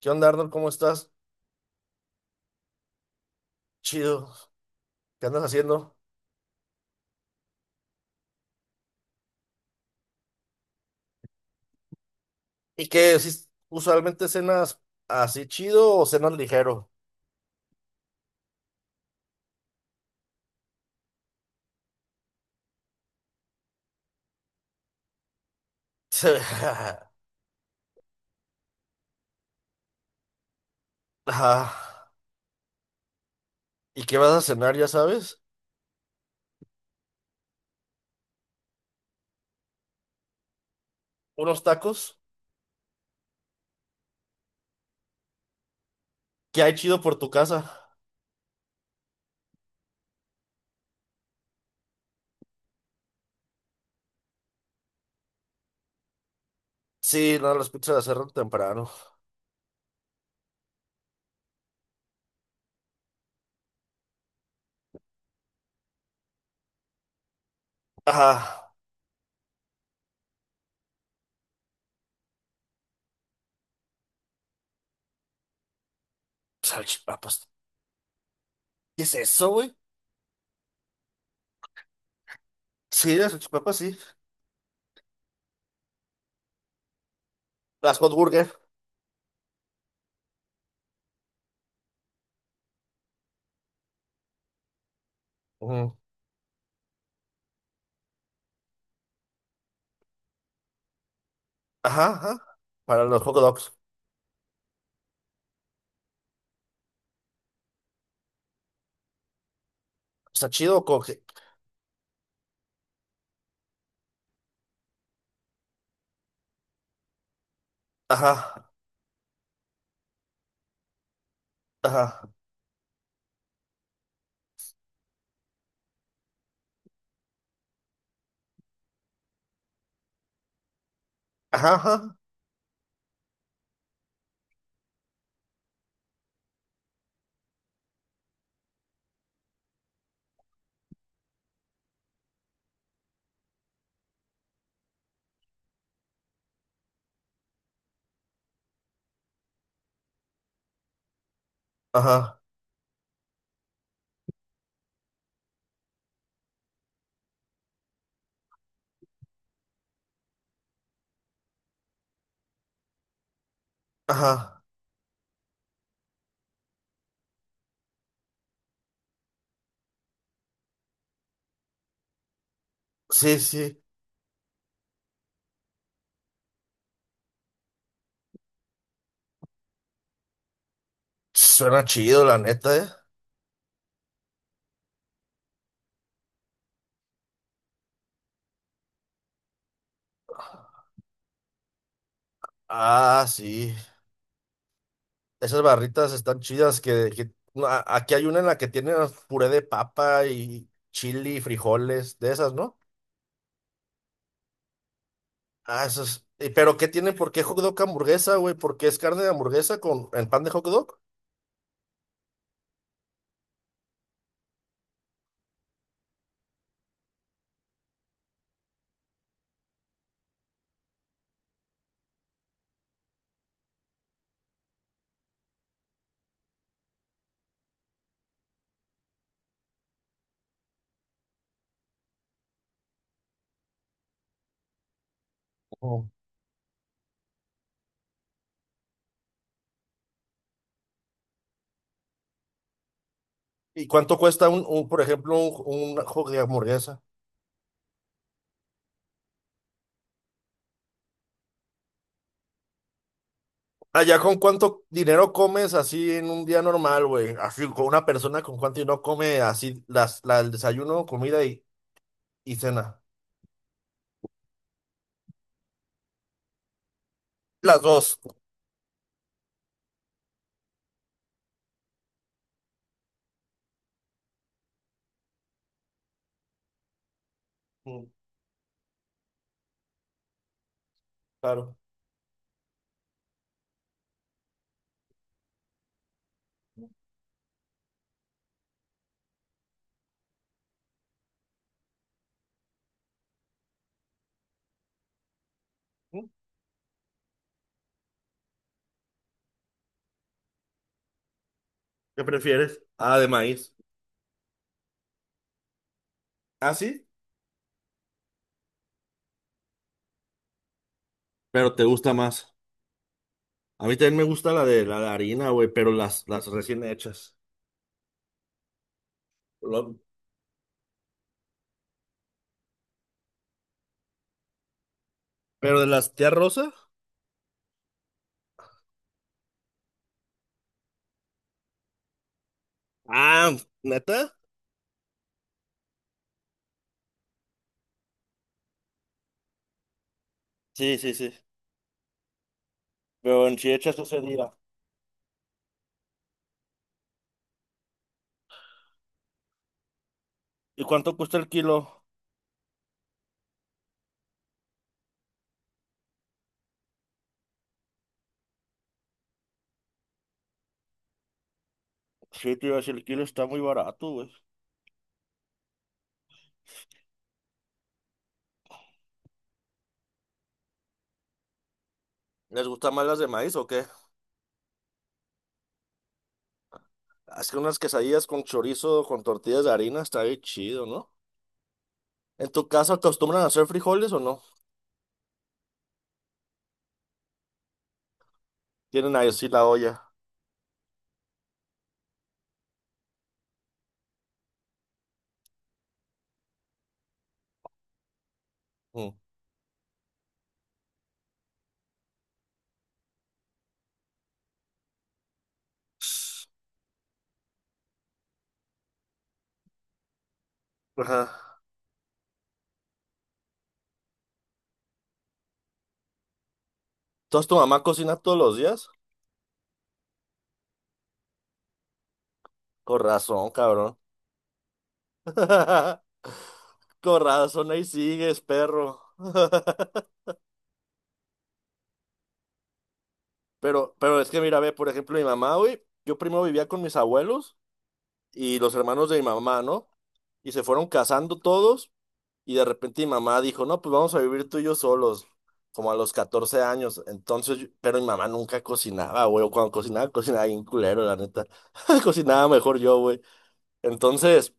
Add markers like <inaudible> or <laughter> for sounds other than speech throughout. ¿Qué onda, Arnold? ¿Cómo estás? Chido. ¿Qué andas haciendo? ¿Y qué? Si Usualmente, ¿cenas así chido o cenas ligero? <laughs> Ajá. ¿Y qué vas a cenar? ¿Ya sabes? ¿Unos tacos? ¿Qué hay chido por tu casa? Sí, no, las pizzas las cerran temprano. Ajá. Salchipapas. ¿Qué es eso, güey? Sí, las salchipapas, sí. Las hot burger. Ujú. Ajá, ajá. Para los hot dogs. ¿Está chido o con qué? Ajá, ajá. Ajá, ajá. Ajá, ajá. Sí, sí. Suena chido, la neta, ¿eh? Ah, sí. Esas barritas están chidas no, aquí hay una en la que tiene puré de papa y chili, frijoles, de esas, ¿no? Ah, esas. ¿Y pero qué tiene? ¿Por qué hot dog hamburguesa, güey? ¿Por qué es carne de hamburguesa con en pan de hot dog? Oh. ¿Y cuánto cuesta por ejemplo, un hot de hamburguesa? Allá, ¿con cuánto dinero comes así en un día normal, güey? Así, con una persona, ¿con cuánto dinero come así las, la, el desayuno, comida y cena? Las dos. Mm, claro. Mm, ¿qué prefieres? Ah, de maíz. ¿Ah, sí? Pero te gusta más. A mí también me gusta la de harina, güey, pero las recién hechas. Lo- ¿Pero de las tía Rosa? Ah, ¿neta? Sí, sí, sí. Pero en sí hechas ese día. ¿Y cuánto cuesta el kilo? Sí, te iba a decir, el kilo está muy barato, güey. ¿Les gustan más las de maíz o qué? Haz que unas quesadillas con chorizo, con tortillas de harina, está bien chido, ¿no? ¿En tu casa acostumbran a hacer frijoles o no? Tienen ahí así la olla. Mm. Ajá. Entonces, ¿tu mamá cocina todos los días? Con razón, cabrón. <laughs> Con razón, ahí sigues, perro. <laughs> Pero es que mira, ve, por ejemplo, mi mamá, güey, yo primero vivía con mis abuelos y los hermanos de mi mamá, ¿no? Y se fueron casando todos y de repente mi mamá dijo, no, pues vamos a vivir tú y yo solos, como a los 14 años. Entonces, yo- pero mi mamá nunca cocinaba, güey, o cuando cocinaba, cocinaba bien culero, la neta. <laughs> Cocinaba mejor yo, güey. Entonces...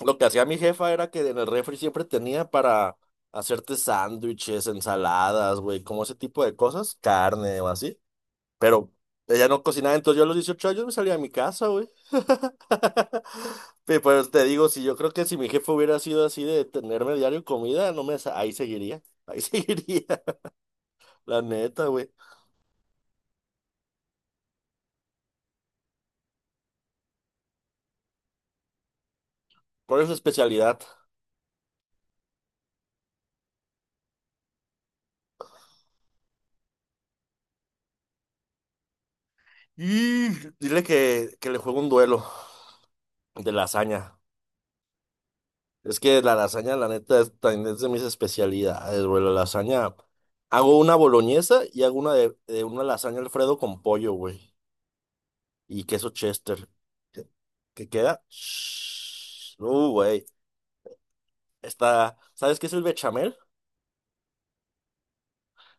Lo que hacía mi jefa era que en el refri siempre tenía para hacerte sándwiches, ensaladas, güey, como ese tipo de cosas, carne o así. Pero ella no cocinaba, entonces yo a los 18 años me salía a mi casa, güey. <laughs> Pero pues te digo, si yo creo que si mi jefe hubiera sido así de tenerme diario comida, no me sa- ahí seguiría, ahí <laughs> seguiría, la neta, güey. ¿Por es su especialidad? Y dile que le juego un duelo de lasaña. Es que la lasaña, la neta, es, también es de mis especialidades, güey. La lasaña. Hago una boloñesa y hago una de una lasaña Alfredo con pollo, güey. Y queso Chester. ¿Qué, qué queda? Shhh. Güey. Está. ¿Sabes qué es el bechamel?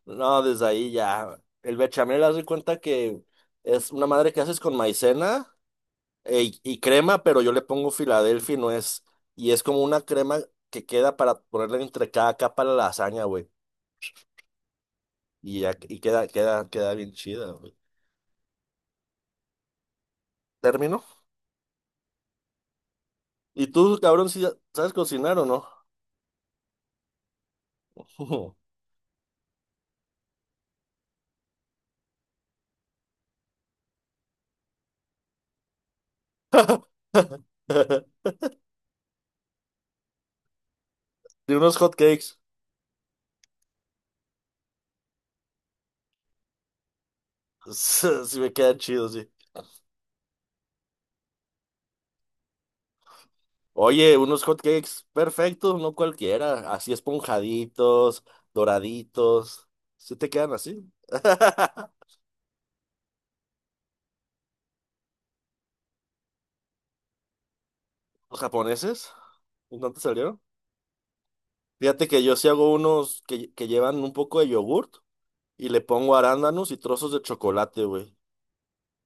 No, desde ahí ya. El bechamel, haz de cuenta que es una madre que haces con maicena e- y crema, pero yo le pongo Filadelfia y no es. Y es como una crema que queda para ponerle entre cada capa a la lasaña, güey. Y, ya- y queda bien chida, güey. ¿Termino? ¿Y tú, cabrón, sí sabes cocinar o no? <laughs> De unos hot cakes. <laughs> Sí me quedan chidos, sí. Oye, unos hot cakes perfectos, no cualquiera. Así esponjaditos, doraditos. ¿Sí te quedan así? <laughs> ¿Los japoneses? ¿No te salieron? Fíjate que yo sí hago unos que llevan un poco de yogurt y le pongo arándanos y trozos de chocolate, güey,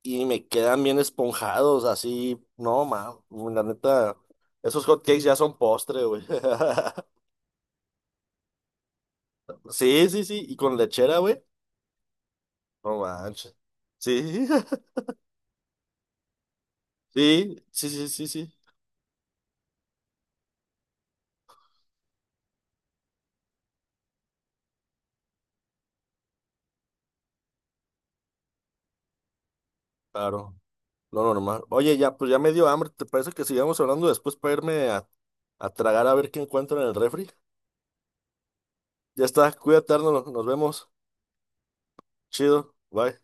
y me quedan bien esponjados, así, no, ma, la neta, esos hot cakes ya son postre, güey. <laughs> Sí, sí, sí, y con lechera, güey. No manches. Sí, <laughs> sí, sí, sí, sí, sí, claro, lo normal. Oye, ya, pues ya me dio hambre, ¿te parece que sigamos hablando después para irme a tragar a ver qué encuentro en el refri? Ya está, cuídate, Arnold, nos vemos. Chido, bye.